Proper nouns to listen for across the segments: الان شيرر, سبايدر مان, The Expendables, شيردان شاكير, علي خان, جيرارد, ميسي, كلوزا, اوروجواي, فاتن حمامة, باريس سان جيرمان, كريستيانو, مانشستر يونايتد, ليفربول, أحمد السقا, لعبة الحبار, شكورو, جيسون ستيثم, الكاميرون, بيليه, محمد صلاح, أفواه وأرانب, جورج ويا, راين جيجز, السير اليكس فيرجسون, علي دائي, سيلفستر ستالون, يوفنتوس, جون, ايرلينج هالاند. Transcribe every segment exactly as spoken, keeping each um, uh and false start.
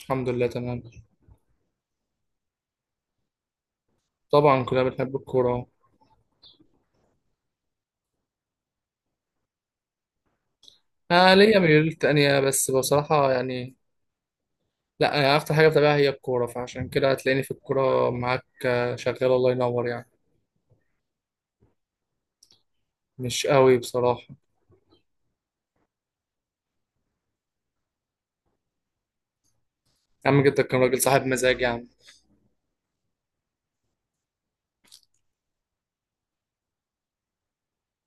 الحمد لله تمام. طبعا، كلنا بنحب الكورة اهو. انا ليا ميول تانية، بس بصراحة يعني. لا، انا اكتر حاجة بتابعها هي الكورة، فعشان كده هتلاقيني في الكورة معاك. آه، شغال، الله ينور يعني. مش قوي بصراحة. يا عم، جدك كان راجل صاحب مزاج يا عم.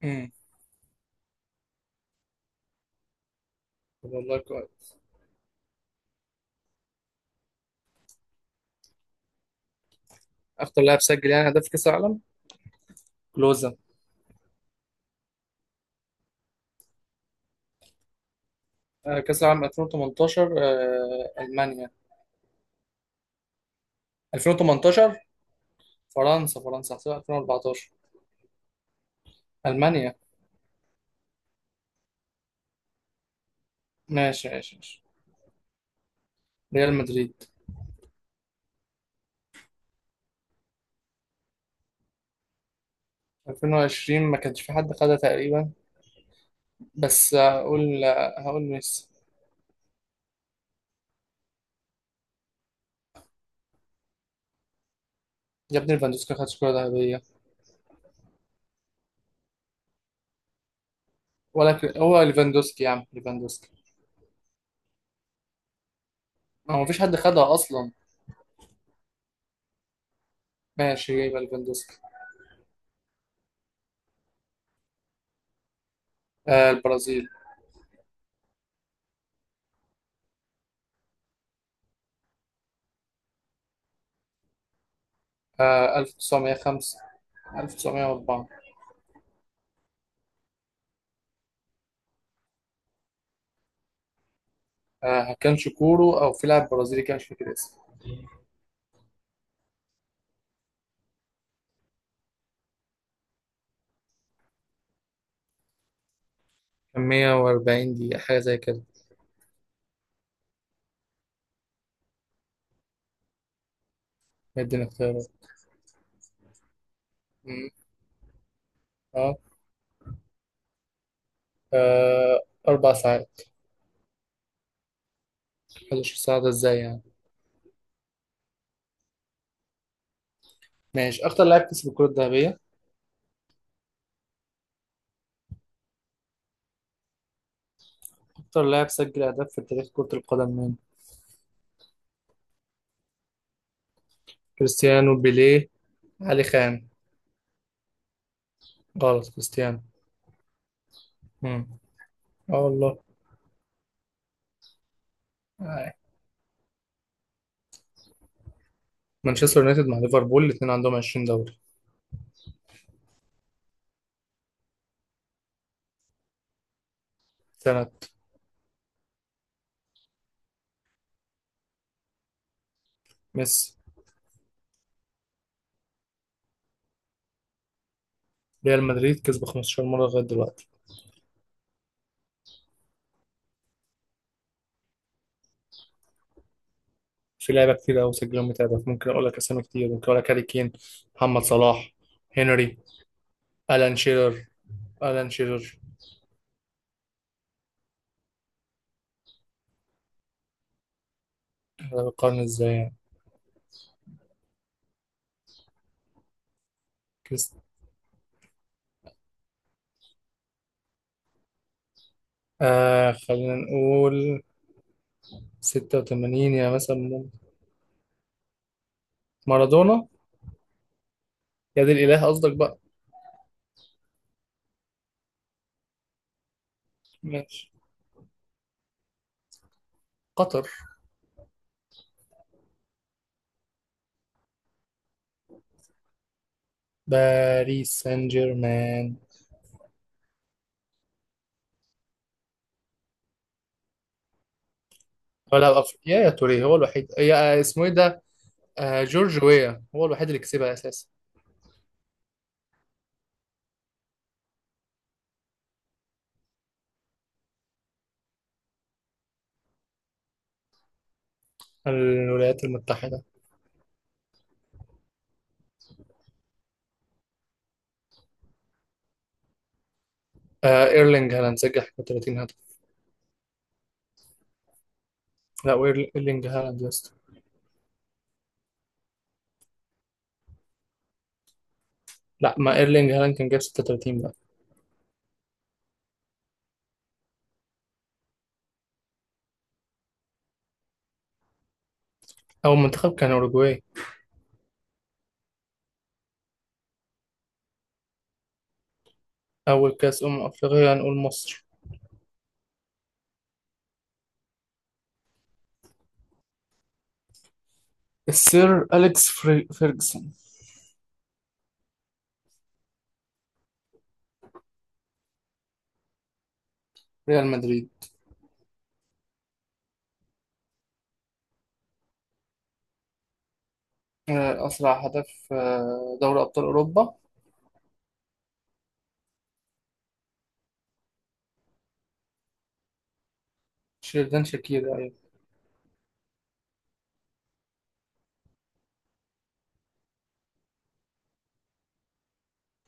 امم. طب والله، كويس. اكتر لاعب سجل يعني هدف في كأس العالم، كلوزا. آه، كأس العالم ألفين وتمنتاشر. آه، المانيا. ألفين وتمنتاشر. فرنسا، فرنسا هحسبها ألفين وأربعتاشر. المانيا. ماشي، ماشي، ماشي. ريال مدريد. ألفين وعشرين ما كانش في حد خدها تقريبا، بس هقول هقول ميسي. يا ابني، ليفاندوسكي خد كرة ذهبية. ولا ك... هو ليفاندوسكي يا عم، ليفاندوسكي. هو مفيش حد خدها أصلا. ماشي، يبقى ليفاندوسكي. آه، البرازيل. آه، ألف وتسعمية وخمسة. ألف وتسعمئة وأربعة. آه، كان شكورو أو في لاعب برازيلي كان مش فاكر اسمه. كان 140 دقيقة حاجة زي كده. مدينا اختيارات. مم. اه. آه، أربع ساعات. 11 ساعة ده ازاي يعني؟ ماشي، أكتر لاعب كسب الكرة الذهبية. أكتر لاعب سجل أهداف في تاريخ كرة القدم مين؟ كريستيانو، بيليه، علي خان. غلط، كريستيانو. مم. اه والله. آه. مانشستر يونايتد مع ليفربول، الاثنين عندهم 20 دوري. سنة. ميسي. ريال مدريد كسب 15 مرة لغاية دلوقتي. في لعيبة كتير قوي سجلهم، متابعة ممكن اقول لك اسامي كتير. ممكن اقول لك هاري كين، محمد صلاح، هنري، الان شيرر، الان شيرر. ده بيقارن ازاي يعني؟ كريست آه خلينا نقول ستة وتمانين، يا مثلا ممكن. مارادونا. يا دي الاله، قصدك بقى. ماشي، قطر. باريس سان جيرمان. ولا افريقيا، يا توريه هو الوحيد، يا اسمه ايه ده؟ آه، جورج ويا هو الوحيد اللي كسبها اساسا. الولايات المتحده. آه، ايرلينج هالاند سجل 31 هدف. لا، وإيرل- ايرلينج هالاند يا اسطى. لا، ما ايرلينج هالاند كان جاب ستة وتلاتين بقى. اول منتخب كان اوروجواي. اول كاس امم افريقيا هنقول مصر. السير اليكس فري- فيرجسون. ريال مدريد. آه، اسرع هدف، آه دوري ابطال اوروبا. شيردان شاكير، ايوه.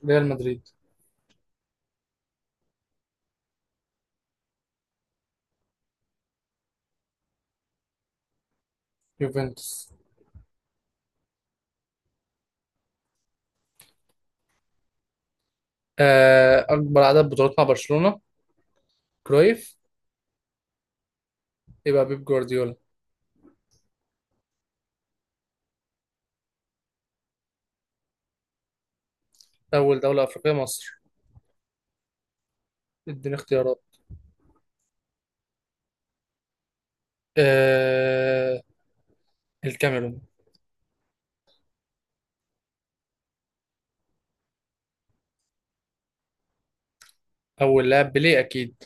ريال مدريد. يوفنتوس. آه، اكبر عدد بطولات مع برشلونه. كرويف. يبقى بيب جوارديولا. أول دولة أفريقية مصر. اديني اختيارات. آه... الكاميرون. أول لاعب بيليه أكيد.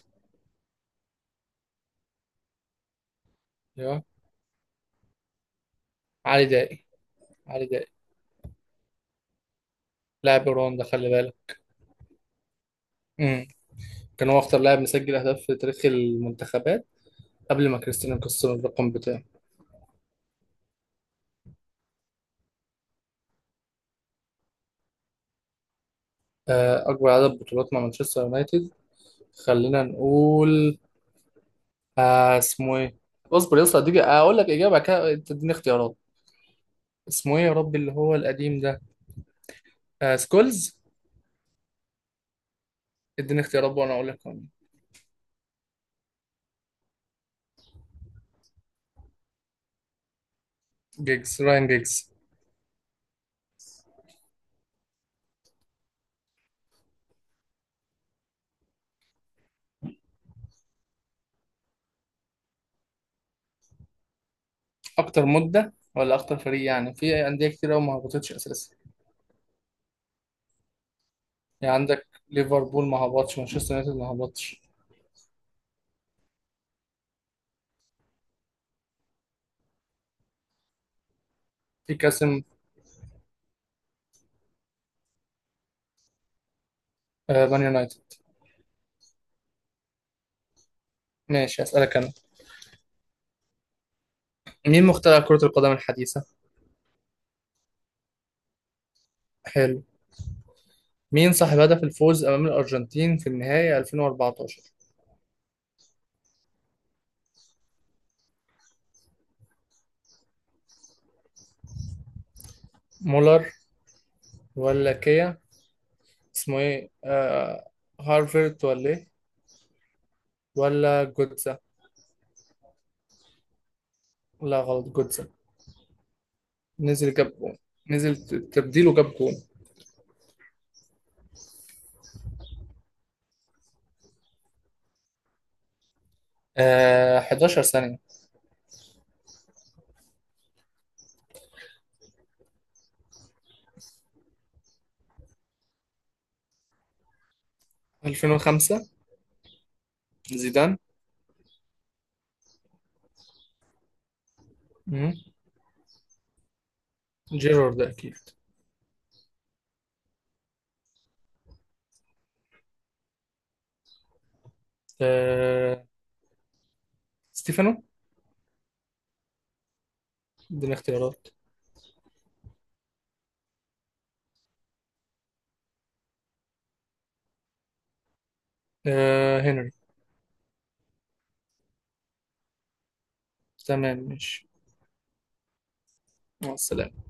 أيوه. علي دائي. علي دائي. لاعب رواندا، خلي بالك. امم كان هو أكتر لاعب مسجل أهداف في تاريخ المنتخبات قبل ما كريستيانو يكسر الرقم بتاعه. آه... أكبر عدد بطولات مع مانشستر يونايتد، خلينا نقول. آه... اسمه إيه؟ اصبر يا اسطى، اديك اقول لك اجابه بعد كده انت تديني اختيارات. اسمه ايه يا ربي اللي هو القديم ده؟ آه... سكولز. اديني اختيارات وانا اقول لك. جيجز، راين جيجز. اكتر مده ولا اكتر فريق يعني، في انديه كتير قوي ما هبطتش اساسا. يعني عندك ليفربول ما هبطش، مانشستر يونايتد ما هبطش. في كاسم. آه، مان يونايتد. ماشي، اسالك انا. مين مخترع كره القدم الحديثه؟ حلو. مين صاحب هدف الفوز امام الارجنتين في النهائي ألفين وأربعتاشر؟ مولر. ولا كيا. اسمه ايه آه هارفرد ولا ايه. ولا جوتزا. لا، غلط، جوتزا. نزل، جاب جون. نزل تبديله جاب جون. آه، 11 ثانية. ألفين وخمسة. زيدان. مم. جيرارد أكيد. آه... ستيفانو. اديني اختيارات. آه... هنري. تمام، ماشي. مع السلامة.